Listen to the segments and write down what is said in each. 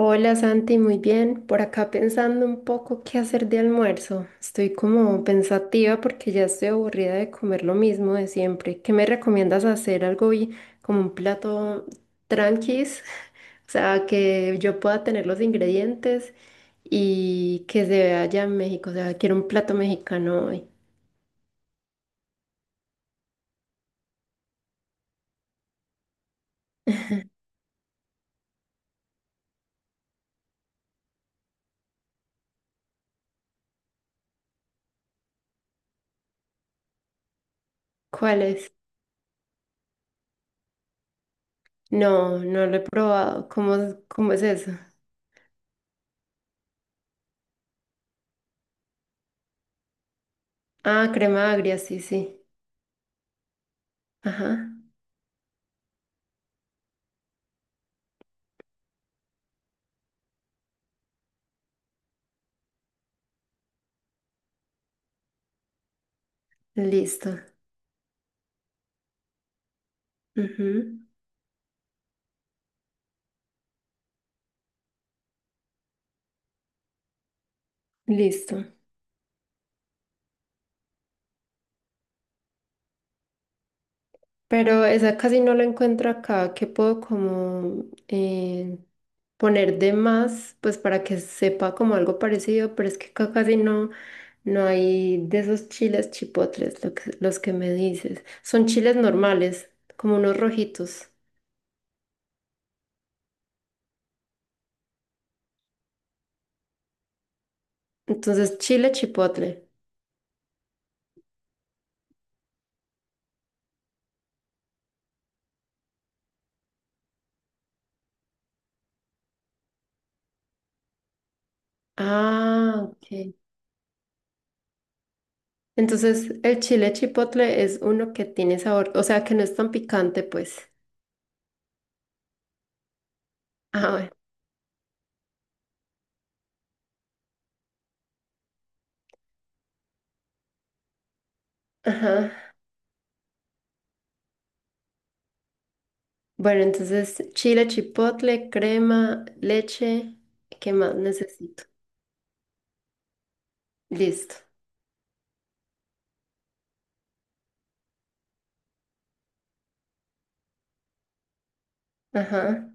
Hola Santi, muy bien. Por acá pensando un poco qué hacer de almuerzo. Estoy como pensativa porque ya estoy aburrida de comer lo mismo de siempre. ¿Qué me recomiendas hacer algo y como un plato tranquis? O sea, que yo pueda tener los ingredientes y que se vea allá en México. O sea, quiero un plato mexicano hoy. ¿Cuál es? No, no lo he probado. ¿Cómo, cómo es eso? Ah, crema agria, sí, sí. Ajá, listo. Ujú. Listo. Pero esa casi no la encuentro acá. ¿Qué puedo como poner de más? Pues para que sepa como algo parecido, pero es que acá casi no, no hay de esos chiles chipotles, los que me dices. Son chiles normales, como unos rojitos. Entonces, chile chipotle. Ah, ok. Entonces, el chile chipotle es uno que tiene sabor, o sea, que no es tan picante, pues. Ah, bueno. Ajá. Bueno, entonces chile, chipotle, crema, leche, ¿qué más necesito? Listo. Ajá.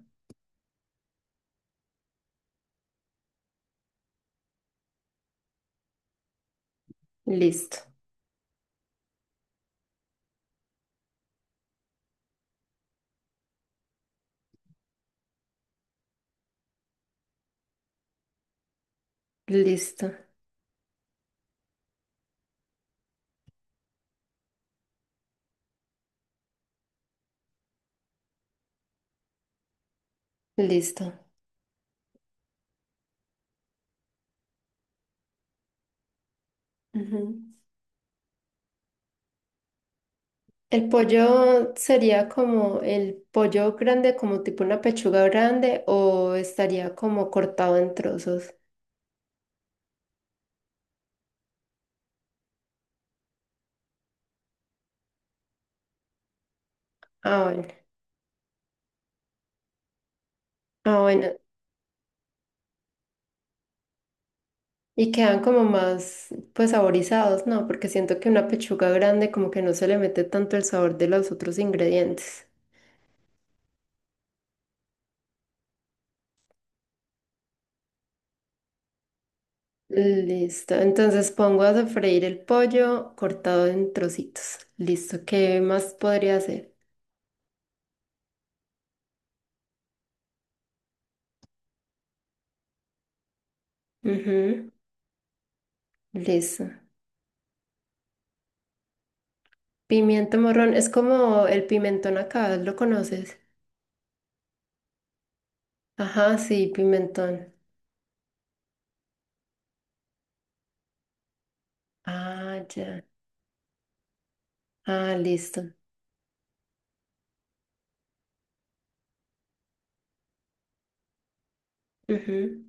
Listo. Listo. Listo. Ujú. El pollo sería como el pollo grande, como tipo una pechuga grande, o estaría como cortado en trozos. Ah, bueno. Ah, bueno. Y quedan como más, pues, saborizados, ¿no? Porque siento que una pechuga grande como que no se le mete tanto el sabor de los otros ingredientes. Listo, entonces pongo a sofreír el pollo cortado en trocitos. Listo, ¿qué más podría hacer? Ujú. Listo. Pimiento morrón, es como el pimentón acá, ¿lo conoces? Ajá, sí, pimentón. Ah, ya. Ah, listo. Ujú.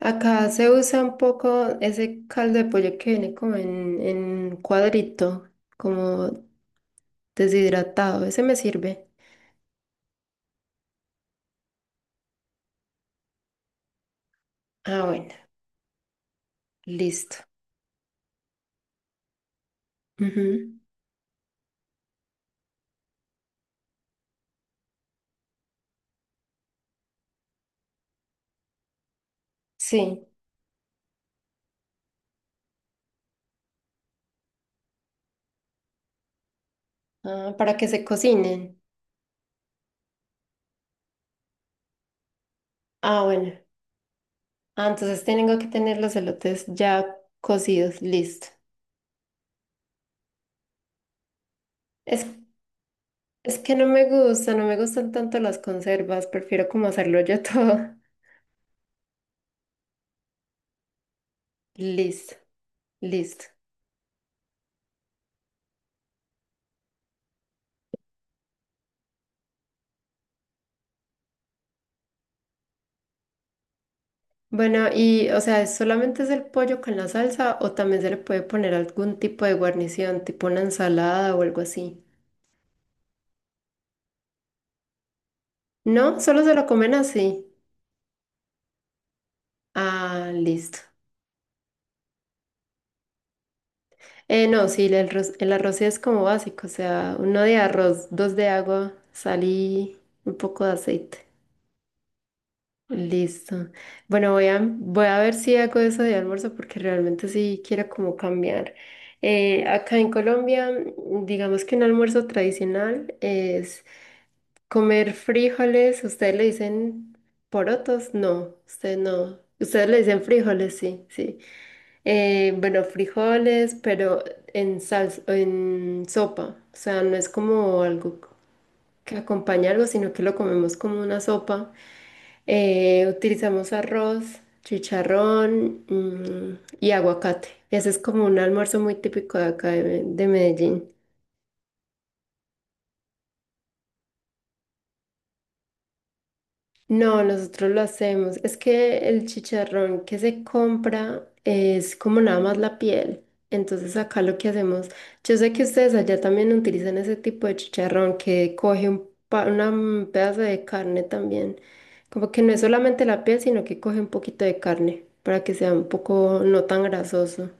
Acá se usa un poco ese caldo de pollo que viene como en cuadrito, como deshidratado. Ese me sirve. Ah, bueno, listo. Ujú, sí. Ah, para que se cocinen. Ah, bueno. Ah, entonces tengo que tener los elotes ya cocidos, listo. Es, es que no me gusta, no me gustan tanto las conservas, prefiero como hacerlo yo todo. Listo, listo. Bueno, y o sea, ¿solamente es el pollo con la salsa o también se le puede poner algún tipo de guarnición, tipo una ensalada o algo así? No, solo se lo comen así. Ah, listo. No, sí, el arroz sí es como básico, o sea, uno de arroz, dos de agua, sal y un poco de aceite. Listo. Bueno, voy a ver si hago eso de almuerzo porque realmente sí quiero como cambiar. Acá en Colombia, digamos que un almuerzo tradicional es comer frijoles. Ustedes le dicen porotos, no, ustedes no. Ustedes le dicen frijoles, sí, sí. Bueno, frijoles, pero en salsa, en sopa. O sea, no es como algo que acompaña algo, sino que lo comemos como una sopa. Utilizamos arroz, chicharrón, y aguacate. Ese es como un almuerzo muy típico de acá de Medellín. No, nosotros lo hacemos. Es que el chicharrón que se compra es como nada más la piel. Entonces acá lo que hacemos, yo sé que ustedes allá también utilizan ese tipo de chicharrón que coge una, pedazo de carne también. Como que no es solamente la piel, sino que coge un poquito de carne para que sea un poco no tan grasoso.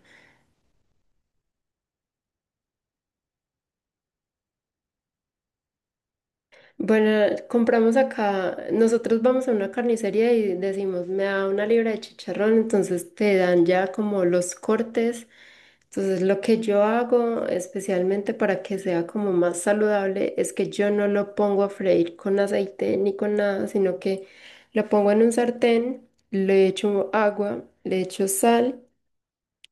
Bueno, compramos acá, nosotros vamos a una carnicería y decimos, me da una libra de chicharrón, entonces te dan ya como los cortes. Entonces, lo que yo hago especialmente para que sea como más saludable es que yo no lo pongo a freír con aceite ni con nada, sino que lo pongo en un sartén, le echo agua, le echo sal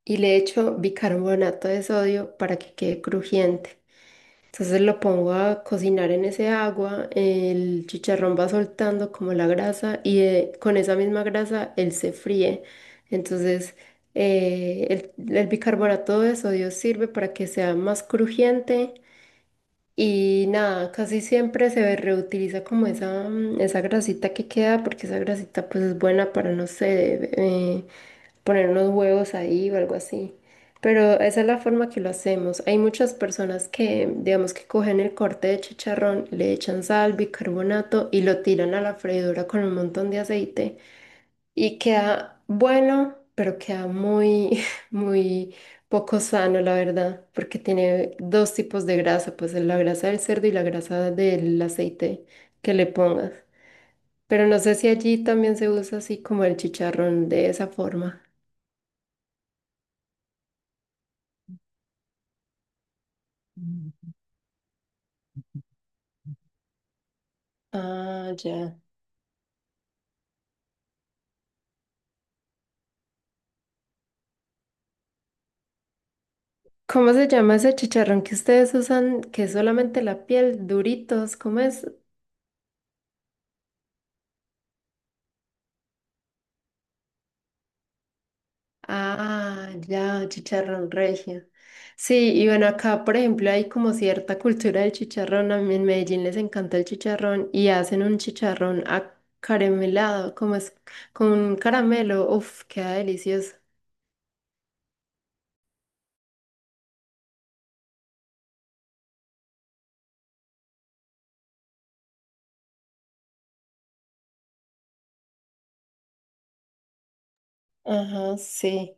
y le echo bicarbonato de sodio para que quede crujiente. Entonces lo pongo a cocinar en ese agua, el chicharrón va soltando como la grasa y con esa misma grasa él se fríe. Entonces el bicarbonato de sodio sirve para que sea más crujiente y nada, casi siempre se reutiliza como esa, esa grasita que queda porque esa grasita pues es buena para, no sé, poner unos huevos ahí o algo así. Pero esa es la forma que lo hacemos. Hay muchas personas que, digamos, que cogen el corte de chicharrón, le echan sal, bicarbonato y lo tiran a la freidora con un montón de aceite. Y queda bueno, pero queda muy, muy poco sano, la verdad, porque tiene dos tipos de grasa, pues la grasa del cerdo y la grasa del aceite que le pongas. Pero no sé si allí también se usa así como el chicharrón de esa forma. Ah, ya. ¿Cómo se llama ese chicharrón que ustedes usan, que es solamente la piel, duritos? ¿Cómo es? Ah, ya, chicharrón regio. Sí, y bueno, acá, por ejemplo, hay como cierta cultura del chicharrón. A mí en Medellín les encanta el chicharrón y hacen un chicharrón acaramelado, como es con un caramelo. Uf, queda delicioso. Ajá, sí.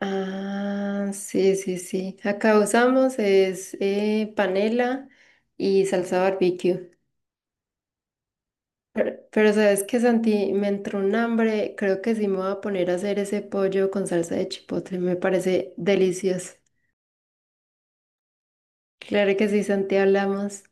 Ah, sí, sí, sí. Acá usamos es panela y salsa barbecue. Pero sabes que Santi, me entró un hambre, creo que sí me voy a poner a hacer ese pollo con salsa de chipotle, me parece delicioso. Claro que sí, Santi, hablamos.